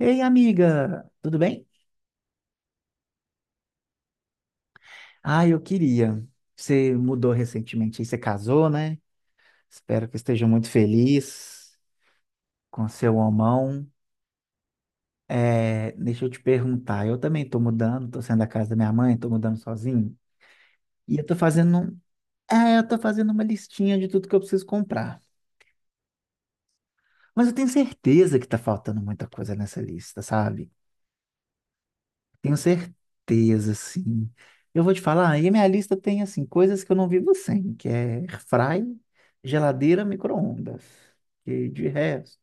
Ei, amiga, tudo bem? Ah, eu queria. Você mudou recentemente, aí você casou, né? Espero que esteja muito feliz com seu homão. É, deixa eu te perguntar, eu também estou mudando, estou saindo da casa da minha mãe, estou mudando sozinho. E eu tô fazendo, um- é, eu tô fazendo uma listinha de tudo que eu preciso comprar. Mas eu tenho certeza que tá faltando muita coisa nessa lista, sabe? Tenho certeza, sim. Eu vou te falar, e a minha lista tem, assim, coisas que eu não vivo sem, que é airfry, geladeira, micro-ondas, e de resto.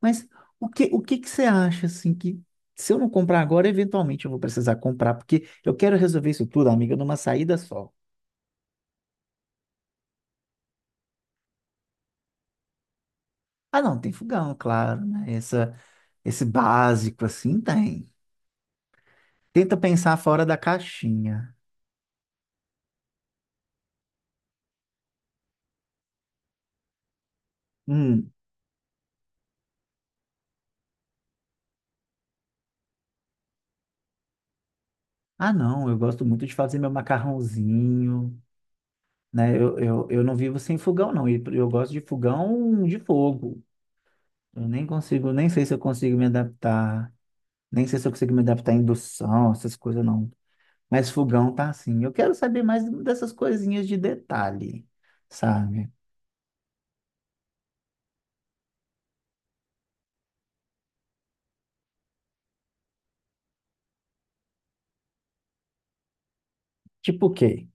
Mas o que que você acha, assim, que se eu não comprar agora, eventualmente eu vou precisar comprar, porque eu quero resolver isso tudo, amiga, numa saída só. Ah, não, tem fogão, claro, né? Esse básico, assim, tem. Tenta pensar fora da caixinha. Hum. Ah, não, eu gosto muito de fazer meu macarrãozinho. Né? Eu não vivo sem fogão, não. E eu gosto de fogão de fogo. Eu nem consigo, nem sei se eu consigo me adaptar à indução, essas coisas não. Mas fogão tá assim. Eu quero saber mais dessas coisinhas de detalhe, sabe? Tipo o quê?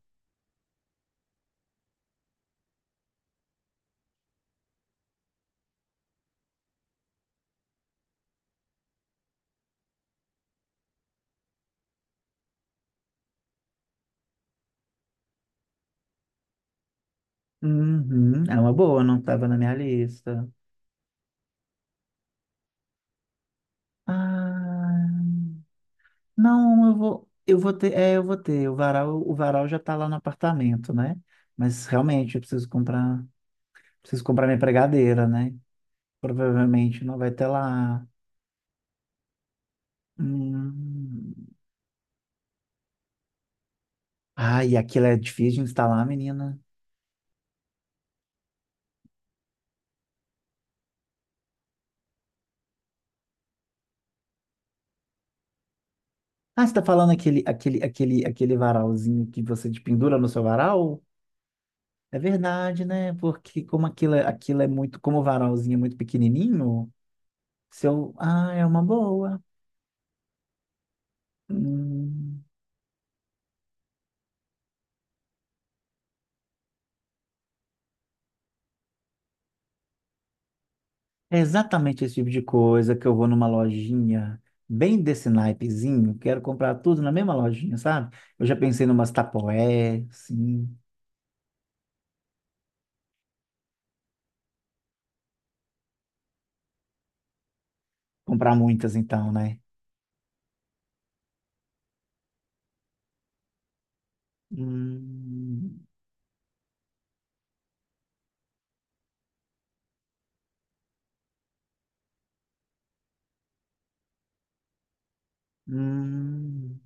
Uhum, é uma boa, não tava na minha lista. Ah, não, eu vou ter. O varal já tá lá no apartamento, né? Mas realmente eu preciso comprar minha pregadeira, né? Provavelmente não vai ter lá. Hum. Ai, aquilo é difícil de instalar, menina. Ah, você tá falando aquele, aquele varalzinho que você pendura no seu varal? É verdade, né? Porque como aquilo é muito, como o varalzinho é muito pequenininho, seu, ah, é uma boa. Hum. É exatamente esse tipo de coisa que eu vou numa lojinha bem desse naipezinho, quero comprar tudo na mesma lojinha, sabe? Eu já pensei numas tapoé, sim, comprar muitas então, né? Hum, hum,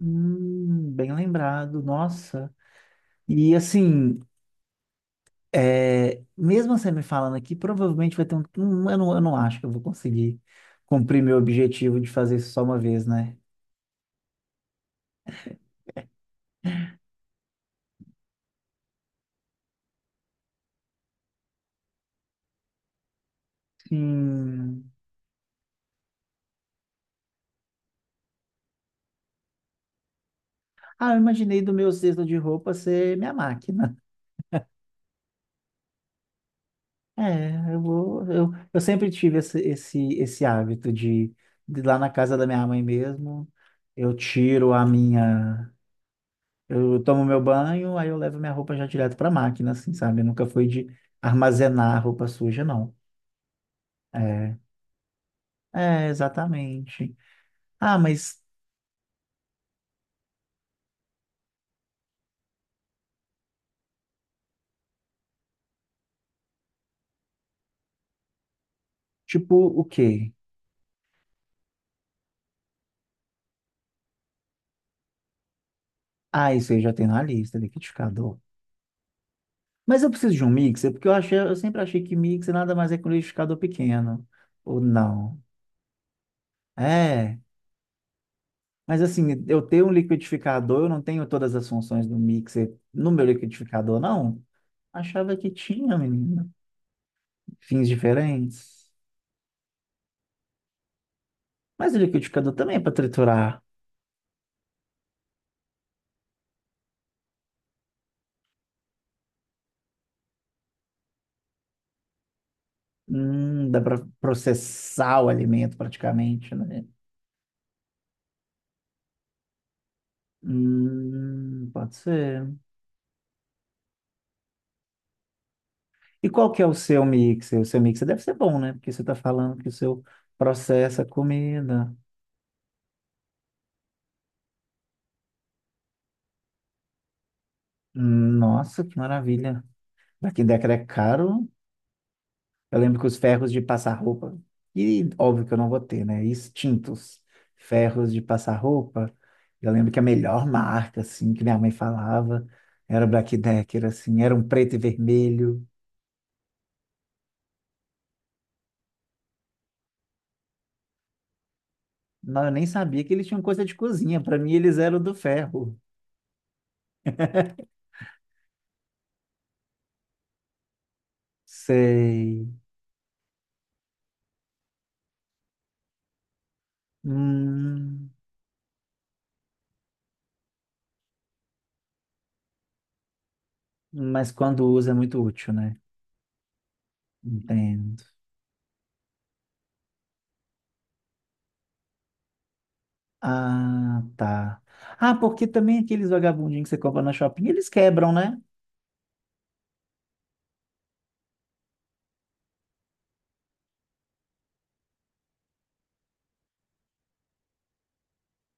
bem lembrado, nossa. E assim, é, mesmo você me falando aqui, provavelmente vai ter um. Eu não acho que eu vou conseguir cumprir meu objetivo de fazer isso só uma vez, né? Sim. Ah, eu imaginei do meu cesto de roupa ser minha máquina. É, eu vou. Eu sempre tive esse hábito de lá na casa da minha mãe mesmo, eu tiro a minha. Eu tomo meu banho, aí eu levo minha roupa já direto para máquina, assim, sabe? Eu nunca fui de armazenar roupa suja, não. É, exatamente. Ah, mas tipo o quê? Ah, isso aí já tem na lista, liquidificador. Mas eu preciso de um mixer, porque eu sempre achei que mixer nada mais é que um liquidificador pequeno. Ou não? É. Mas assim, eu tenho um liquidificador, eu não tenho todas as funções do mixer no meu liquidificador, não? Achava que tinha, menina. Fins diferentes. Mas o liquidificador também é para triturar. Dá para processar o alimento praticamente, né? Pode ser. E qual que é o seu mixer? O seu mixer deve ser bom, né? Porque você está falando que o seu processa a comida. Nossa, que maravilha. Daqui década é caro. Eu lembro que os ferros de passar roupa, e óbvio que eu não vou ter, né? Extintos ferros de passar roupa. Eu lembro que a melhor marca, assim, que minha mãe falava era o Black Decker, assim, era um preto e vermelho. Não, eu nem sabia que eles tinham coisa de cozinha. Para mim, eles eram do ferro. Sei. Hum, mas quando usa é muito útil, né? Entendo. Ah, tá. Ah, porque também aqueles vagabundinhos que você compra na shopping, eles quebram, né?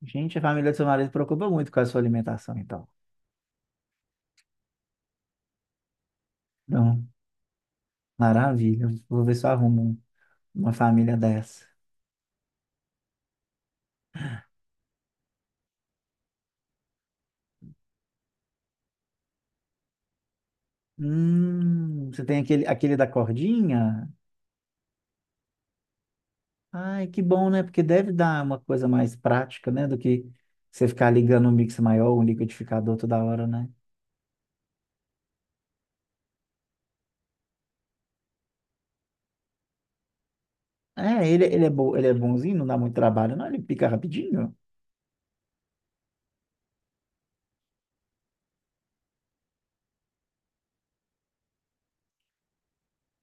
Gente, a família do seu marido preocupa muito com a sua alimentação, então. Então, maravilha. Vou ver se eu arrumo uma família dessa. Você tem aquele da cordinha? Ai, que bom, né? Porque deve dar uma coisa mais prática, né? Do que você ficar ligando um mixer maior, um liquidificador toda hora, né? É, ele é bom, ele é bonzinho, não dá muito trabalho, não? Ele pica rapidinho.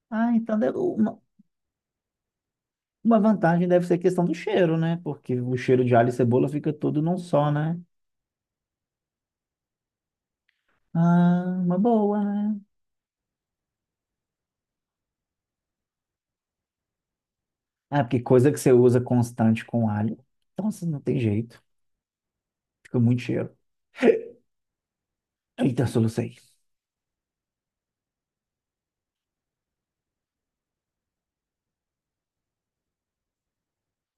Ah, então uma vantagem deve ser a questão do cheiro, né? Porque o cheiro de alho e cebola fica todo num só, né? Ah, uma boa, né? Ah, porque coisa que você usa constante com alho, então assim, não tem jeito. Fica muito cheiro. Eita, solucei.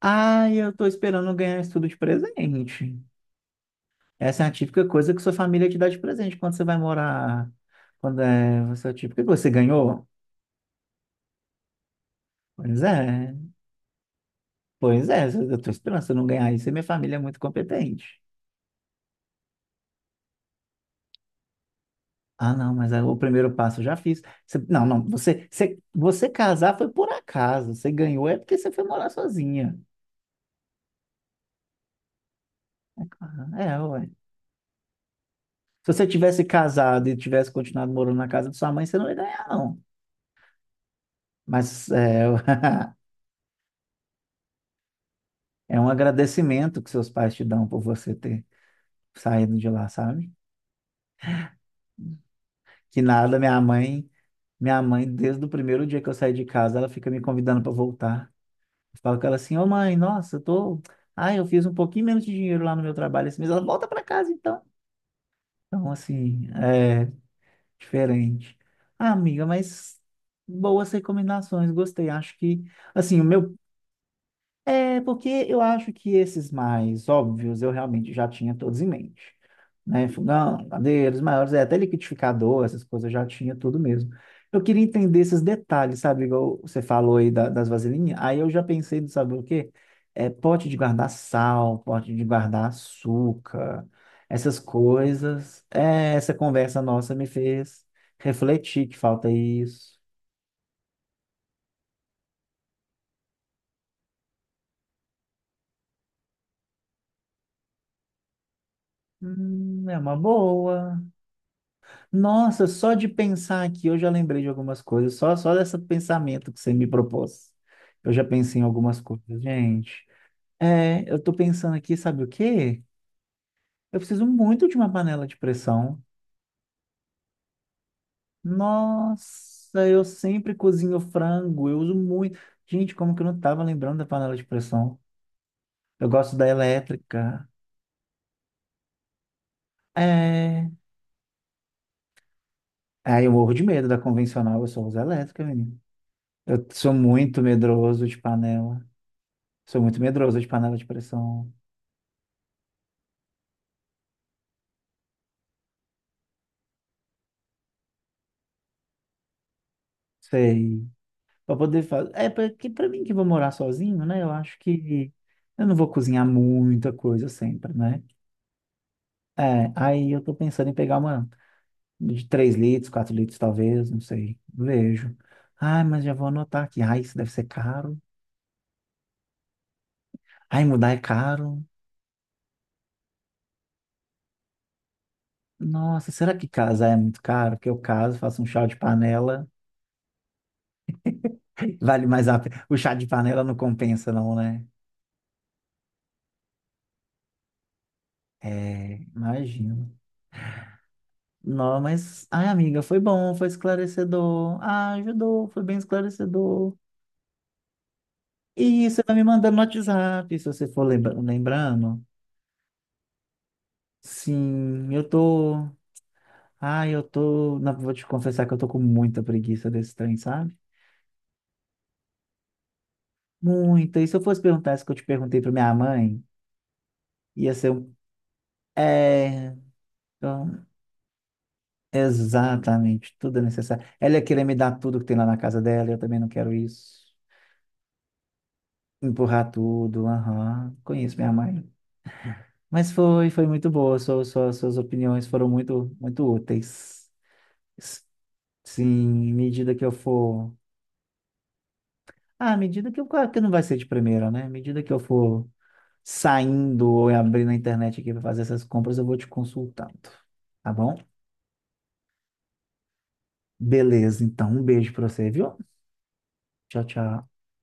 Ah, eu tô esperando ganhar isso tudo de presente. Essa é a típica coisa que sua família te dá de presente quando você vai morar. Quando é você, tipo, o que você ganhou? Pois é, pois é, eu tô esperando. Se eu não ganhar isso, minha família é muito competente. Ah, não, mas aí o primeiro passo eu já fiz. Não, não, você casar foi por acaso. Você ganhou é porque você foi morar sozinha. Ah, é, ué. Se você tivesse casado e tivesse continuado morando na casa de sua mãe, você não ia ganhar, não. Mas é, é um agradecimento que seus pais te dão por você ter saído de lá, sabe? Que nada, minha mãe, desde o primeiro dia que eu saí de casa, ela fica me convidando para voltar. Eu falo com ela assim, ô mãe, nossa, eu tô. Ah, eu fiz um pouquinho menos de dinheiro lá no meu trabalho esse mês. Ela volta para casa, então. Então, assim, é diferente. Ah, amiga, mas boas recomendações, gostei. Acho que, assim, o meu. É, porque eu acho que esses mais óbvios eu realmente já tinha todos em mente. Né? Fogão, padeiros maiores, é, até liquidificador, essas coisas eu já tinha tudo mesmo. Eu queria entender esses detalhes, sabe? Igual você falou aí das vasilhinhas. Aí eu já pensei no saber o quê? É, pote de guardar sal, pote de guardar açúcar, essas coisas. É, essa conversa nossa me fez refletir que falta isso. É uma boa. Nossa, só de pensar aqui, eu já lembrei de algumas coisas, só desse pensamento que você me propôs. Eu já pensei em algumas coisas, gente. É, eu tô pensando aqui, sabe o quê? Eu preciso muito de uma panela de pressão. Nossa, eu sempre cozinho frango, eu uso muito. Gente, como que eu não tava lembrando da panela de pressão? Eu gosto da elétrica. É. Ah, eu morro de medo da convencional, eu só uso elétrica, menino. Eu sou muito medroso de panela. Sou muito medroso de panela de pressão. Sei. Pra poder fazer. É, porque pra mim que vou morar sozinho, né? Eu acho que eu não vou cozinhar muita coisa sempre, né? É, aí eu tô pensando em pegar uma de 3 litros, 4 litros, talvez, não sei. Vejo. Ai, mas já vou anotar aqui. Ai, isso deve ser caro. Ai, mudar é caro. Nossa, será que casar é muito caro? Que eu caso, faço um chá de panela. Vale mais a pena. O chá de panela não compensa, não, né? É, imagino. Não, mas, ai, amiga, foi bom, foi esclarecedor. Ah, ajudou, foi bem esclarecedor. E você vai me mandando no WhatsApp, se você for lembrando. Sim, eu tô. Ai, eu tô. Não, vou te confessar que eu tô com muita preguiça desse trem, sabe? Muita. E se eu fosse perguntar isso que eu te perguntei pra minha mãe, ia ser um. É. Então, exatamente, tudo é necessário. Ela ia querer me dar tudo que tem lá na casa dela, eu também não quero isso. Empurrar tudo, aham. Conheço minha mãe. Mas foi muito boa. Suas opiniões foram muito, muito úteis. S- Sim, à medida que eu for. Ah, à medida que eu. Claro que não vai ser de primeira, né? À medida que eu for saindo ou abrindo a internet aqui para fazer essas compras, eu vou te consultando. Tá bom? Beleza, então. Um beijo para você, viu? Tchau, tchau.